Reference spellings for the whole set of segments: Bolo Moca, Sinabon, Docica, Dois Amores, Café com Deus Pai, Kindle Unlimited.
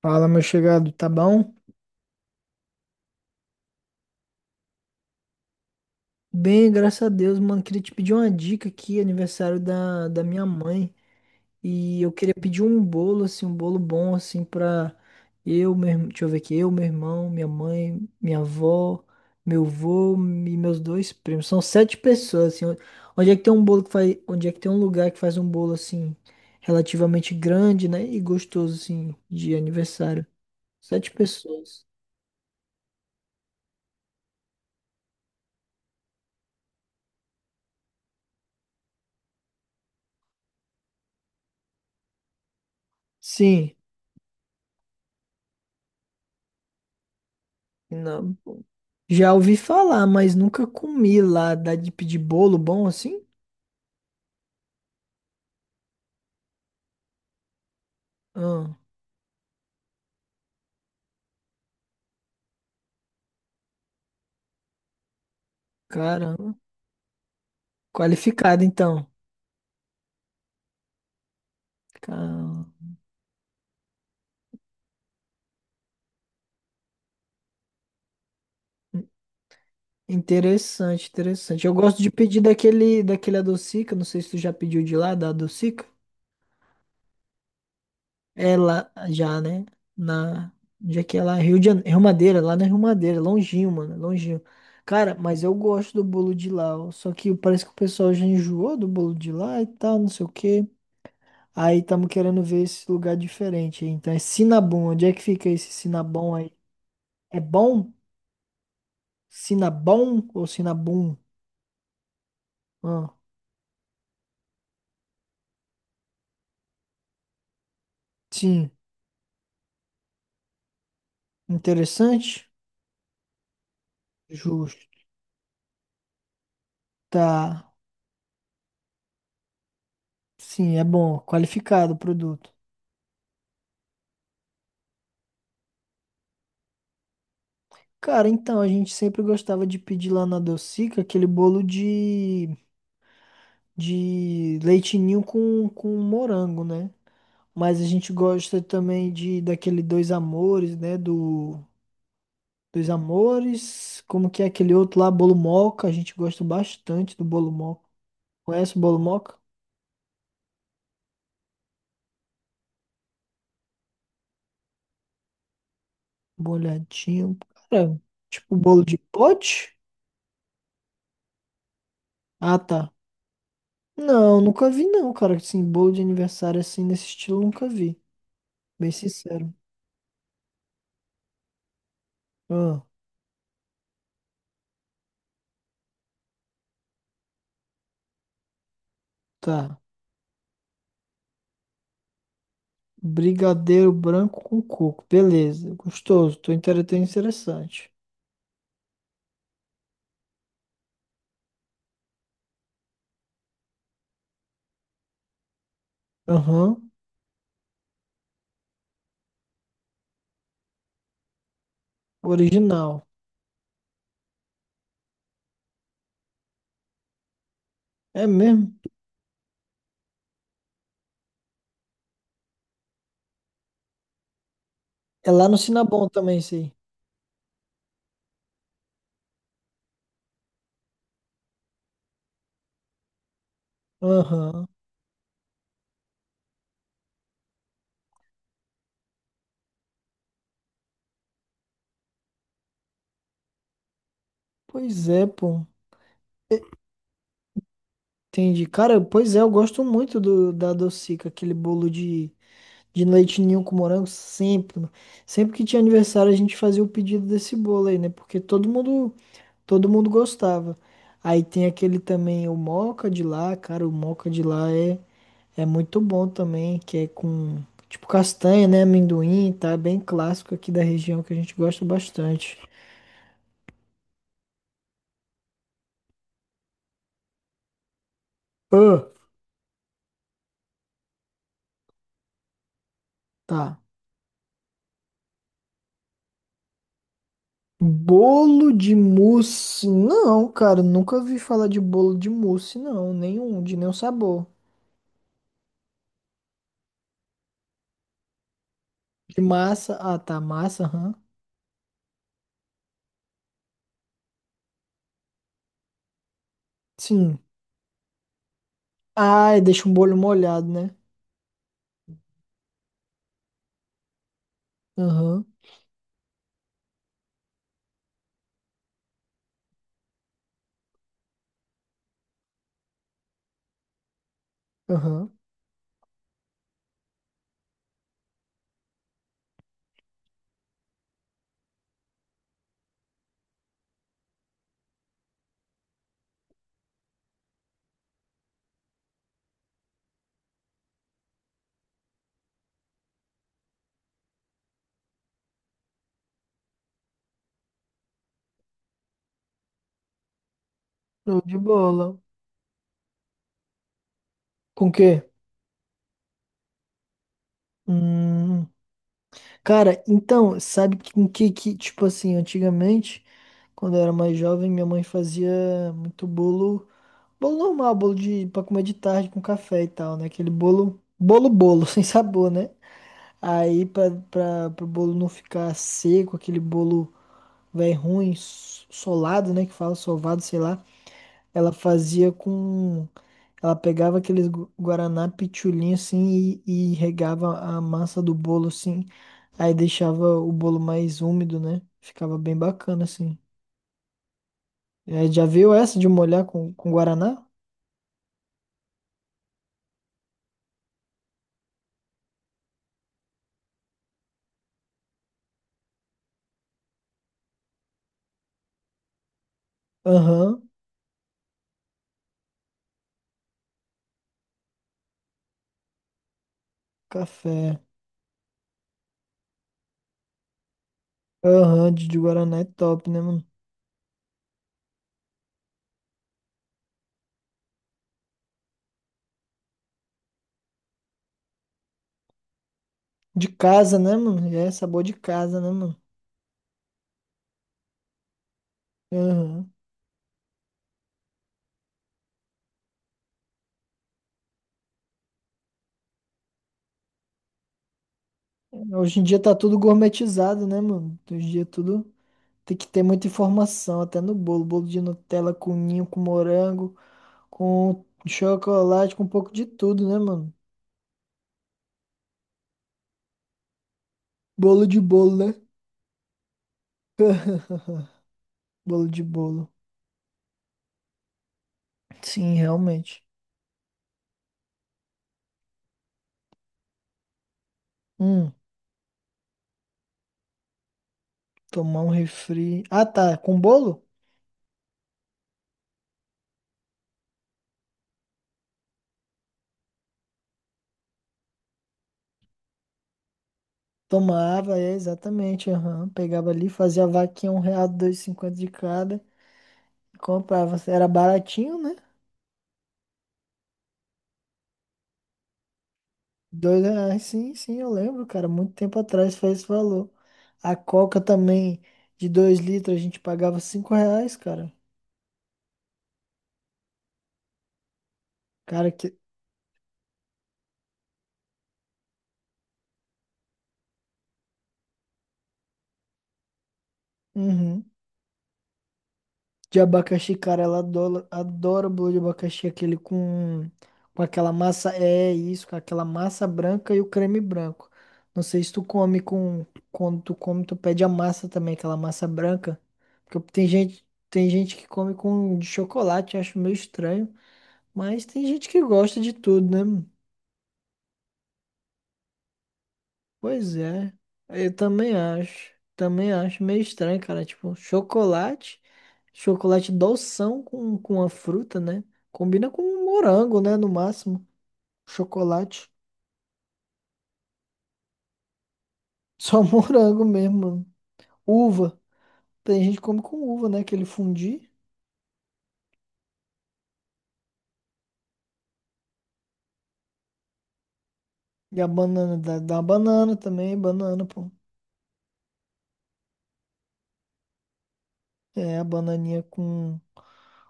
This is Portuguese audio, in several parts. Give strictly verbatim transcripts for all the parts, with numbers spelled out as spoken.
Fala, meu chegado, tá bom? Bem, graças a Deus, mano. Queria te pedir uma dica aqui, aniversário da, da minha mãe. E eu queria pedir um bolo, assim, um bolo bom, assim, pra eu, meu, irm- deixa eu ver aqui. Eu, meu irmão, minha mãe, minha avó, meu avô e meus dois primos. São sete pessoas, assim. Onde é que tem um bolo que faz, onde é que tem um lugar que faz um bolo, assim, relativamente grande, né? E gostoso, assim, de aniversário. Sete pessoas. Sim. Não. Já ouvi falar, mas nunca comi lá. Dá de pedir bolo bom assim? Ah, caramba. Qualificado então. Caramba. Interessante, interessante. Eu gosto de pedir daquele, daquele adocica. Não sei se tu já pediu de lá, da adocica. É lá já, né? Na. Onde é que é lá? Rio de Janeiro, Rio Madeira, lá na Rio Madeira, longinho, mano, longinho. Cara, mas eu gosto do bolo de lá, ó, só que parece que o pessoal já enjoou do bolo de lá e tal, não sei o quê. Aí estamos querendo ver esse lugar diferente. Então é Sinabum. Onde é que fica esse Sinabum aí? É bom? Sinabum ou Sinabum? Ah, sim. Interessante? Justo. Tá. Sim, é bom. Qualificado o produto. Cara, então a gente sempre gostava de pedir lá na Docica aquele bolo de, de leitinho com, com morango, né? Mas a gente gosta também de daquele Dois Amores, né? Do Dois Amores, como que é aquele outro lá, Bolo Moca, a gente gosta bastante do Bolo Moca. Conhece o Bolo Moca? Bolhadinho, cara, tipo bolo de pote? Ah, tá. Não, nunca vi não, cara, assim, bolo de aniversário assim, nesse estilo, nunca vi, bem sincero. Ah, tá. Brigadeiro branco com coco, beleza, gostoso, tô entretenido, interessante. Aham, original. É mesmo? É lá no Sinabon também, isso aí. Aham, pois é, pô. Entendi. Cara, pois é, eu gosto muito do, da Docica, aquele bolo de, de leite ninho com morango, sempre, mano. Sempre que tinha aniversário, a gente fazia o pedido desse bolo aí, né? Porque todo mundo, todo mundo gostava. Aí tem aquele também, o moca de lá, cara, o moca de lá é, é muito bom também, que é com, tipo, castanha, né? Amendoim, tá? Bem clássico aqui da região que a gente gosta bastante. Ah, tá. Bolo de mousse? Não, cara, nunca vi falar de bolo de mousse, não. Nenhum, de nenhum sabor. De massa? Ah, tá, massa, aham. Sim. Ai, deixa um bolo molhado, né? Aham, aham. Show de bola. Com o quê? Hum. Cara, então, sabe que- com que, que, tipo assim, antigamente, quando eu era mais jovem, minha mãe fazia muito bolo, bolo normal, bolo de, pra comer de tarde com café e tal, né? Aquele bolo, bolo, bolo, sem sabor, né? Aí pra, pra, pro bolo não ficar seco, aquele bolo velho ruim, s- solado, né? Que fala sovado, sei lá. Ela fazia com. Ela pegava aqueles gu- guaraná pitulinho assim e, e regava a massa do bolo assim. Aí deixava o bolo mais úmido, né? Ficava bem bacana assim. É, já viu essa de molhar com, com guaraná? Aham, café. Aham, de, de guaraná é top, né, mano? De casa, né, mano? É sabor de casa, né, mano? Aham. Hoje em dia tá tudo gourmetizado, né, mano? Hoje em dia tudo tem que ter muita informação, até no bolo. Bolo de Nutella com ninho, com morango, com chocolate, com um pouco de tudo, né, mano? Bolo de bolo, né? Bolo de bolo. Sim, realmente. Hum, tomar um refri. Ah, tá. Com bolo? Tomava, é, exatamente. Aham. Pegava ali, fazia a vaquinha, um real, dois e cinquenta de cada. Comprava. Era baratinho, né? Dois reais, sim, sim, eu lembro, cara. Muito tempo atrás foi esse valor. A Coca também, de dois litros, a gente pagava cinco reais, cara. Cara, que. Uhum. De abacaxi, cara, ela adora, adora o bolo de abacaxi, aquele com, com, aquela massa, é isso, com aquela massa branca e o creme branco. Não sei se tu come com, quando tu come, tu pede a massa também, aquela massa branca. Porque tem gente, tem gente que come com de chocolate, acho meio estranho, mas tem gente que gosta de tudo, né? Pois é, eu também acho. Também acho meio estranho, cara. Tipo, chocolate, chocolate doção com, com a fruta, né? Combina com um morango, né? No máximo. Chocolate. Só morango mesmo, mano. Uva. Tem gente que come com uva, né? Aquele fundi. E a banana, dá, dá uma banana também, banana, pô. É, a bananinha com,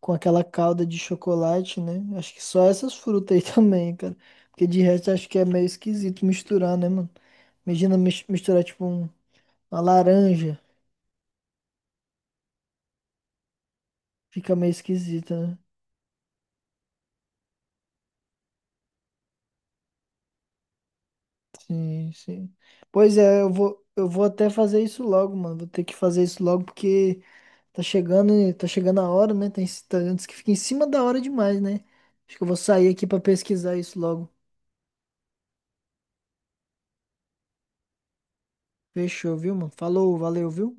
com aquela calda de chocolate, né? Acho que só essas frutas aí também, cara. Porque de resto acho que é meio esquisito misturar, né, mano? Imagina mis- misturar tipo um- uma laranja, fica meio esquisita, né? Sim, sim. Pois é, eu vou, eu vou até fazer isso logo, mano. Vou ter que fazer isso logo porque tá chegando, e- tá chegando a hora, né? Tem, tá- antes que fique em cima da hora demais, né? Acho que eu vou sair aqui pra pesquisar isso logo. Fechou, viu, mano? Falou, valeu, viu?